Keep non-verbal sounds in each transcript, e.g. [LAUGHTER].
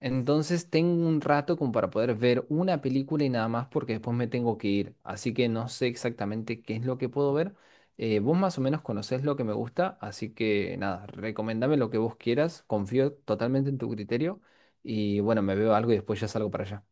Entonces tengo un rato como para poder ver una película y nada más porque después me tengo que ir. Así que no sé exactamente qué es lo que puedo ver. Vos más o menos conocés lo que me gusta, así que nada, recomendame lo que vos quieras. Confío totalmente en tu criterio y bueno, me veo algo y después ya salgo para allá.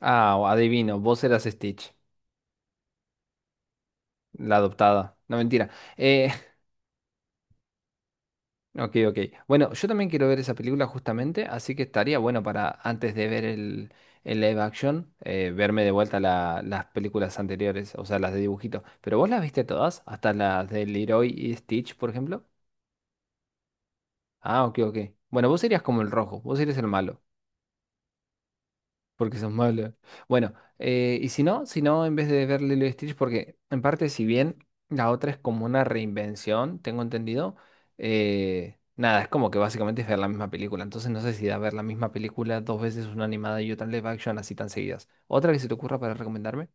Ah, adivino, vos eras Stitch, la adoptada. No, mentira. Eh, Ok, ok. Bueno, yo también quiero ver esa película justamente, así que estaría bueno para antes de ver el live action, verme de vuelta las películas anteriores, o sea, las de dibujito. ¿Pero vos las viste todas? ¿Hasta las de Leroy y Stitch, por ejemplo? Ah, ok, ok. Bueno, vos serías como el rojo, vos eres el malo. Porque son malo. Bueno, y si no, si no, en vez de ver Lilo y Stitch, porque en parte, si bien la otra es como una reinvención, tengo entendido, nada, es como que básicamente es ver la misma película. Entonces no sé si da ver la misma película dos veces, una animada y otra en live action, así tan seguidas. ¿Otra que se te ocurra para recomendarme?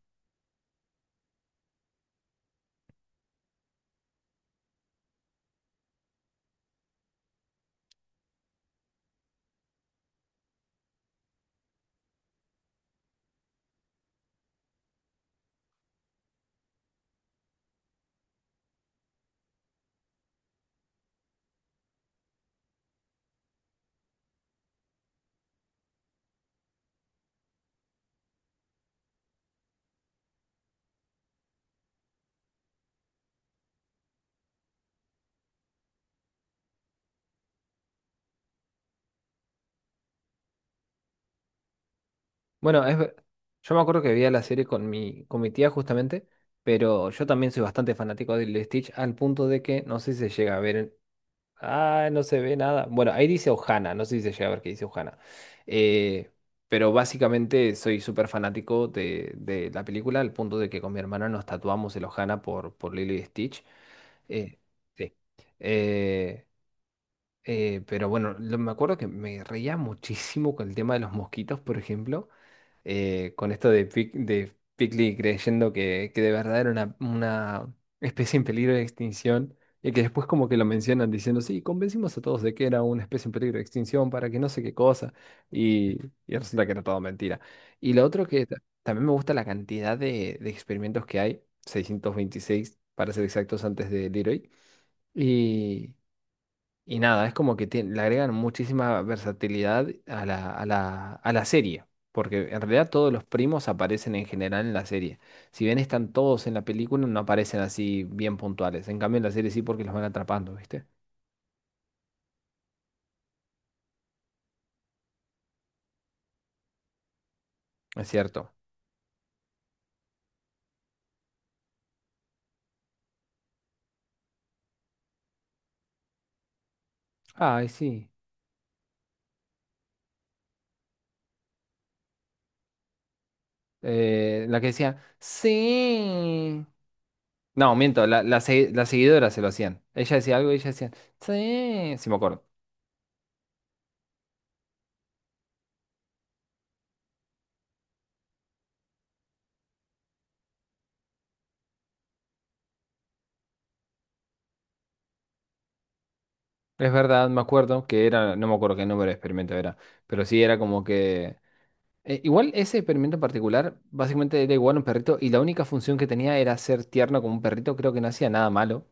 Bueno, es, yo me acuerdo que vi la serie con con mi tía justamente, pero yo también soy bastante fanático de Lilo y Stitch, al punto de que no sé si se llega a ver. Ah, no se ve nada. Bueno, ahí dice Ohana, no sé si se llega a ver qué dice Ohana. Eh, pero básicamente soy súper fanático de la película, al punto de que con mi hermana nos tatuamos el Ohana por Lilo y Stitch. Eh, sí. Eh, pero bueno, me acuerdo que me reía muchísimo con el tema de los mosquitos, por ejemplo, con esto de, Pigly creyendo que de verdad era una especie en peligro de extinción, y que después como que lo mencionan diciendo, sí, convencimos a todos de que era una especie en peligro de extinción para que no sé qué cosa, y, y resulta que era todo mentira. Y lo otro que también me gusta la cantidad de experimentos que hay, 626 para ser exactos antes de Leroy, y nada, es como que le agregan muchísima versatilidad a la serie, porque en realidad todos los primos aparecen en general en la serie. Si bien están todos en la película, no aparecen así bien puntuales. En cambio, en la serie sí porque los van atrapando, ¿viste? Es cierto. Ay, sí. La que decía, sí. No, miento, la seguidora se lo hacían. Ella decía algo y ella decía, sí. Sí, me acuerdo. Es verdad, me acuerdo que era, no me acuerdo qué número de experimento era, pero sí era como que... igual ese experimento en particular, básicamente era igual a un perrito y la única función que tenía era ser tierno como un perrito, creo que no hacía nada malo.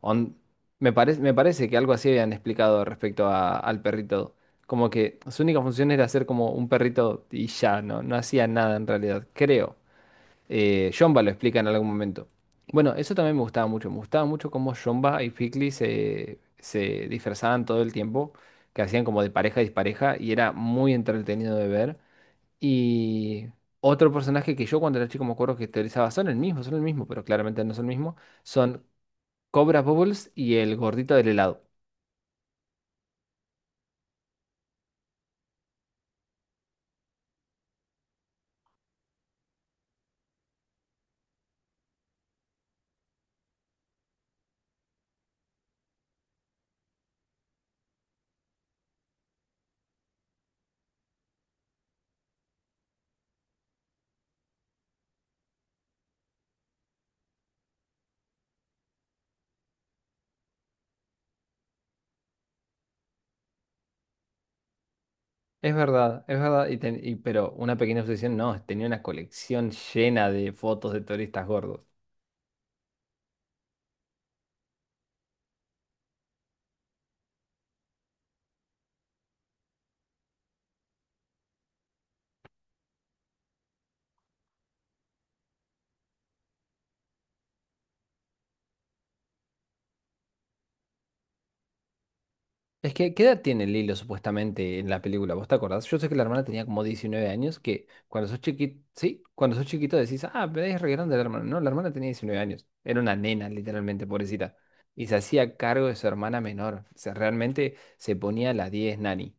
On- me parece que algo así habían explicado respecto al perrito, como que su única función era ser como un perrito y ya, no, no hacía nada en realidad, creo. Jomba lo explica en algún momento. Bueno, eso también me gustaba mucho cómo Jomba y Fikli se disfrazaban todo el tiempo, que hacían como de pareja y dispareja y era muy entretenido de ver. Y otro personaje que yo cuando era chico me acuerdo que teorizaba, son el mismo, pero claramente no son el mismo, son Cobra Bubbles y el gordito del helado. Es verdad, pero una pequeña obsesión, no, tenía una colección llena de fotos de turistas gordos. Es que, ¿qué edad tiene Lilo supuestamente en la película? ¿Vos te acordás? Yo sé que la hermana tenía como 19 años, que cuando sos chiquito, sí, cuando sos chiquito decís, ah, pero es re grande la hermana. No, la hermana tenía 19 años. Era una nena, literalmente, pobrecita. Y se hacía cargo de su hermana menor. O sea, realmente se ponía a las diez Nani.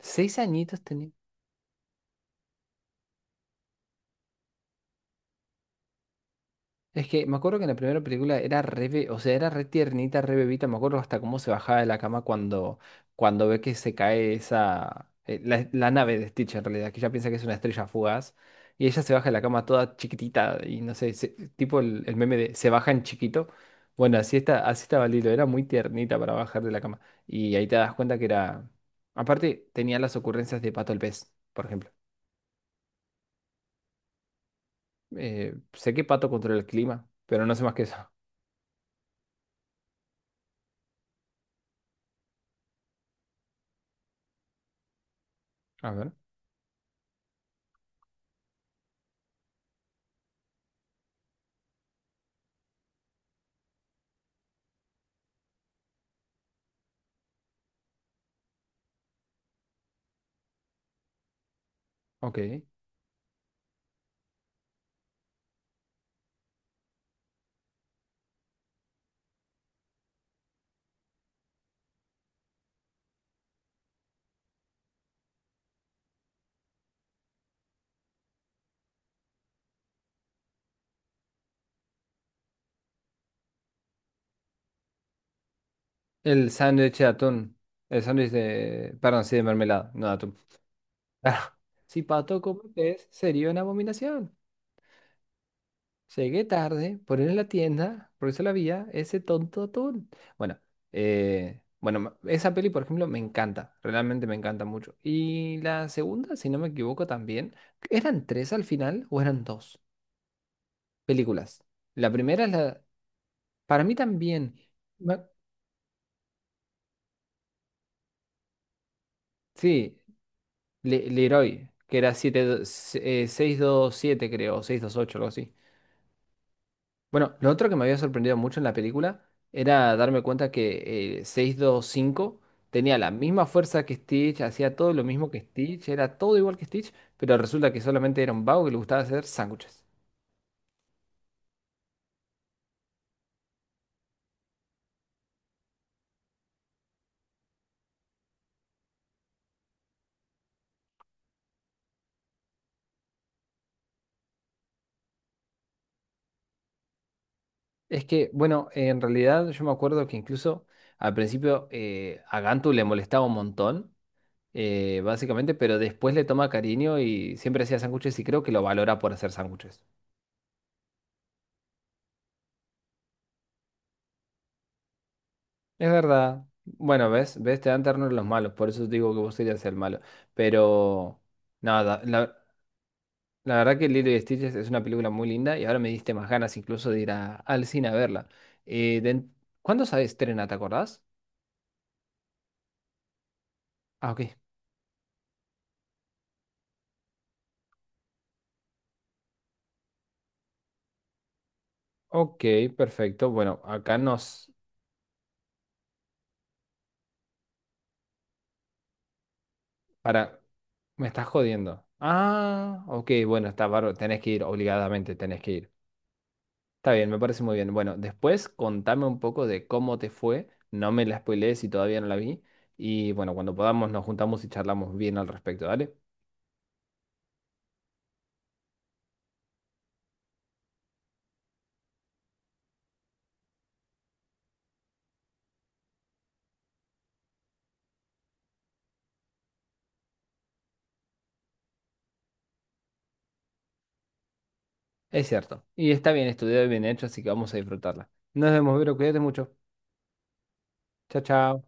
6 añitos. Es que me acuerdo que en la primera película era re, o sea, era re tiernita, re bebita, me acuerdo hasta cómo se bajaba de la cama cuando, cuando ve que se cae esa, la nave de Stitch en realidad, que ella piensa que es una estrella fugaz, y ella se baja de la cama toda chiquitita, y no sé, tipo el meme de se baja en chiquito, bueno, así estaba Lilo, era muy tiernita para bajar de la cama, y ahí te das cuenta que era, aparte tenía las ocurrencias de Pato el pez, por ejemplo. Sé que Pato controla el clima, pero no sé más que eso, a ver, ok. El sándwich de atún. El sándwich de. Perdón, sí, de mermelada, no de atún. [LAUGHS] Claro. Si pato como pez, sería una abominación. Llegué tarde, por ir en la tienda, por eso la vía, ese tonto atún. Bueno, bueno, esa peli, por ejemplo, me encanta. Realmente me encanta mucho. Y la segunda, si no me equivoco, también. ¿Eran tres al final o eran dos películas? La primera es la. Para mí también. Ma- Sí, Leroy, que era 7, 627, creo, o 628, algo así. Bueno, lo otro que me había sorprendido mucho en la película era darme cuenta que 625 tenía la misma fuerza que Stitch, hacía todo lo mismo que Stitch, era todo igual que Stitch, pero resulta que solamente era un vago que le gustaba hacer sándwiches. Es que, bueno, en realidad yo me acuerdo que incluso al principio, a Gantu le molestaba un montón, básicamente, pero después le toma cariño y siempre hacía sándwiches y creo que lo valora por hacer sándwiches. Es verdad. Bueno, ves, ves, te dan ternura los malos, por eso digo que vos serías el malo. Pero nada, la verdad que Lilo y Stitch es una película muy linda y ahora me diste más ganas incluso de ir al cine a verla. Eh, de- ¿Cuándo se estrena, te acordás? Ah, ok. Ok, perfecto. Bueno, acá nos... Para... Me estás jodiendo. Ah, ok, bueno, está bárbaro. Tenés que ir, obligadamente, tenés que ir. Está bien, me parece muy bien. Bueno, después contame un poco de cómo te fue. No me la spoilees si todavía no la vi. Y bueno, cuando podamos nos juntamos y charlamos bien al respecto, ¿vale? Es cierto. Y está bien estudiado y bien hecho, así que vamos a disfrutarla. Nos vemos, Vero. Cuídate mucho. Chao, chao.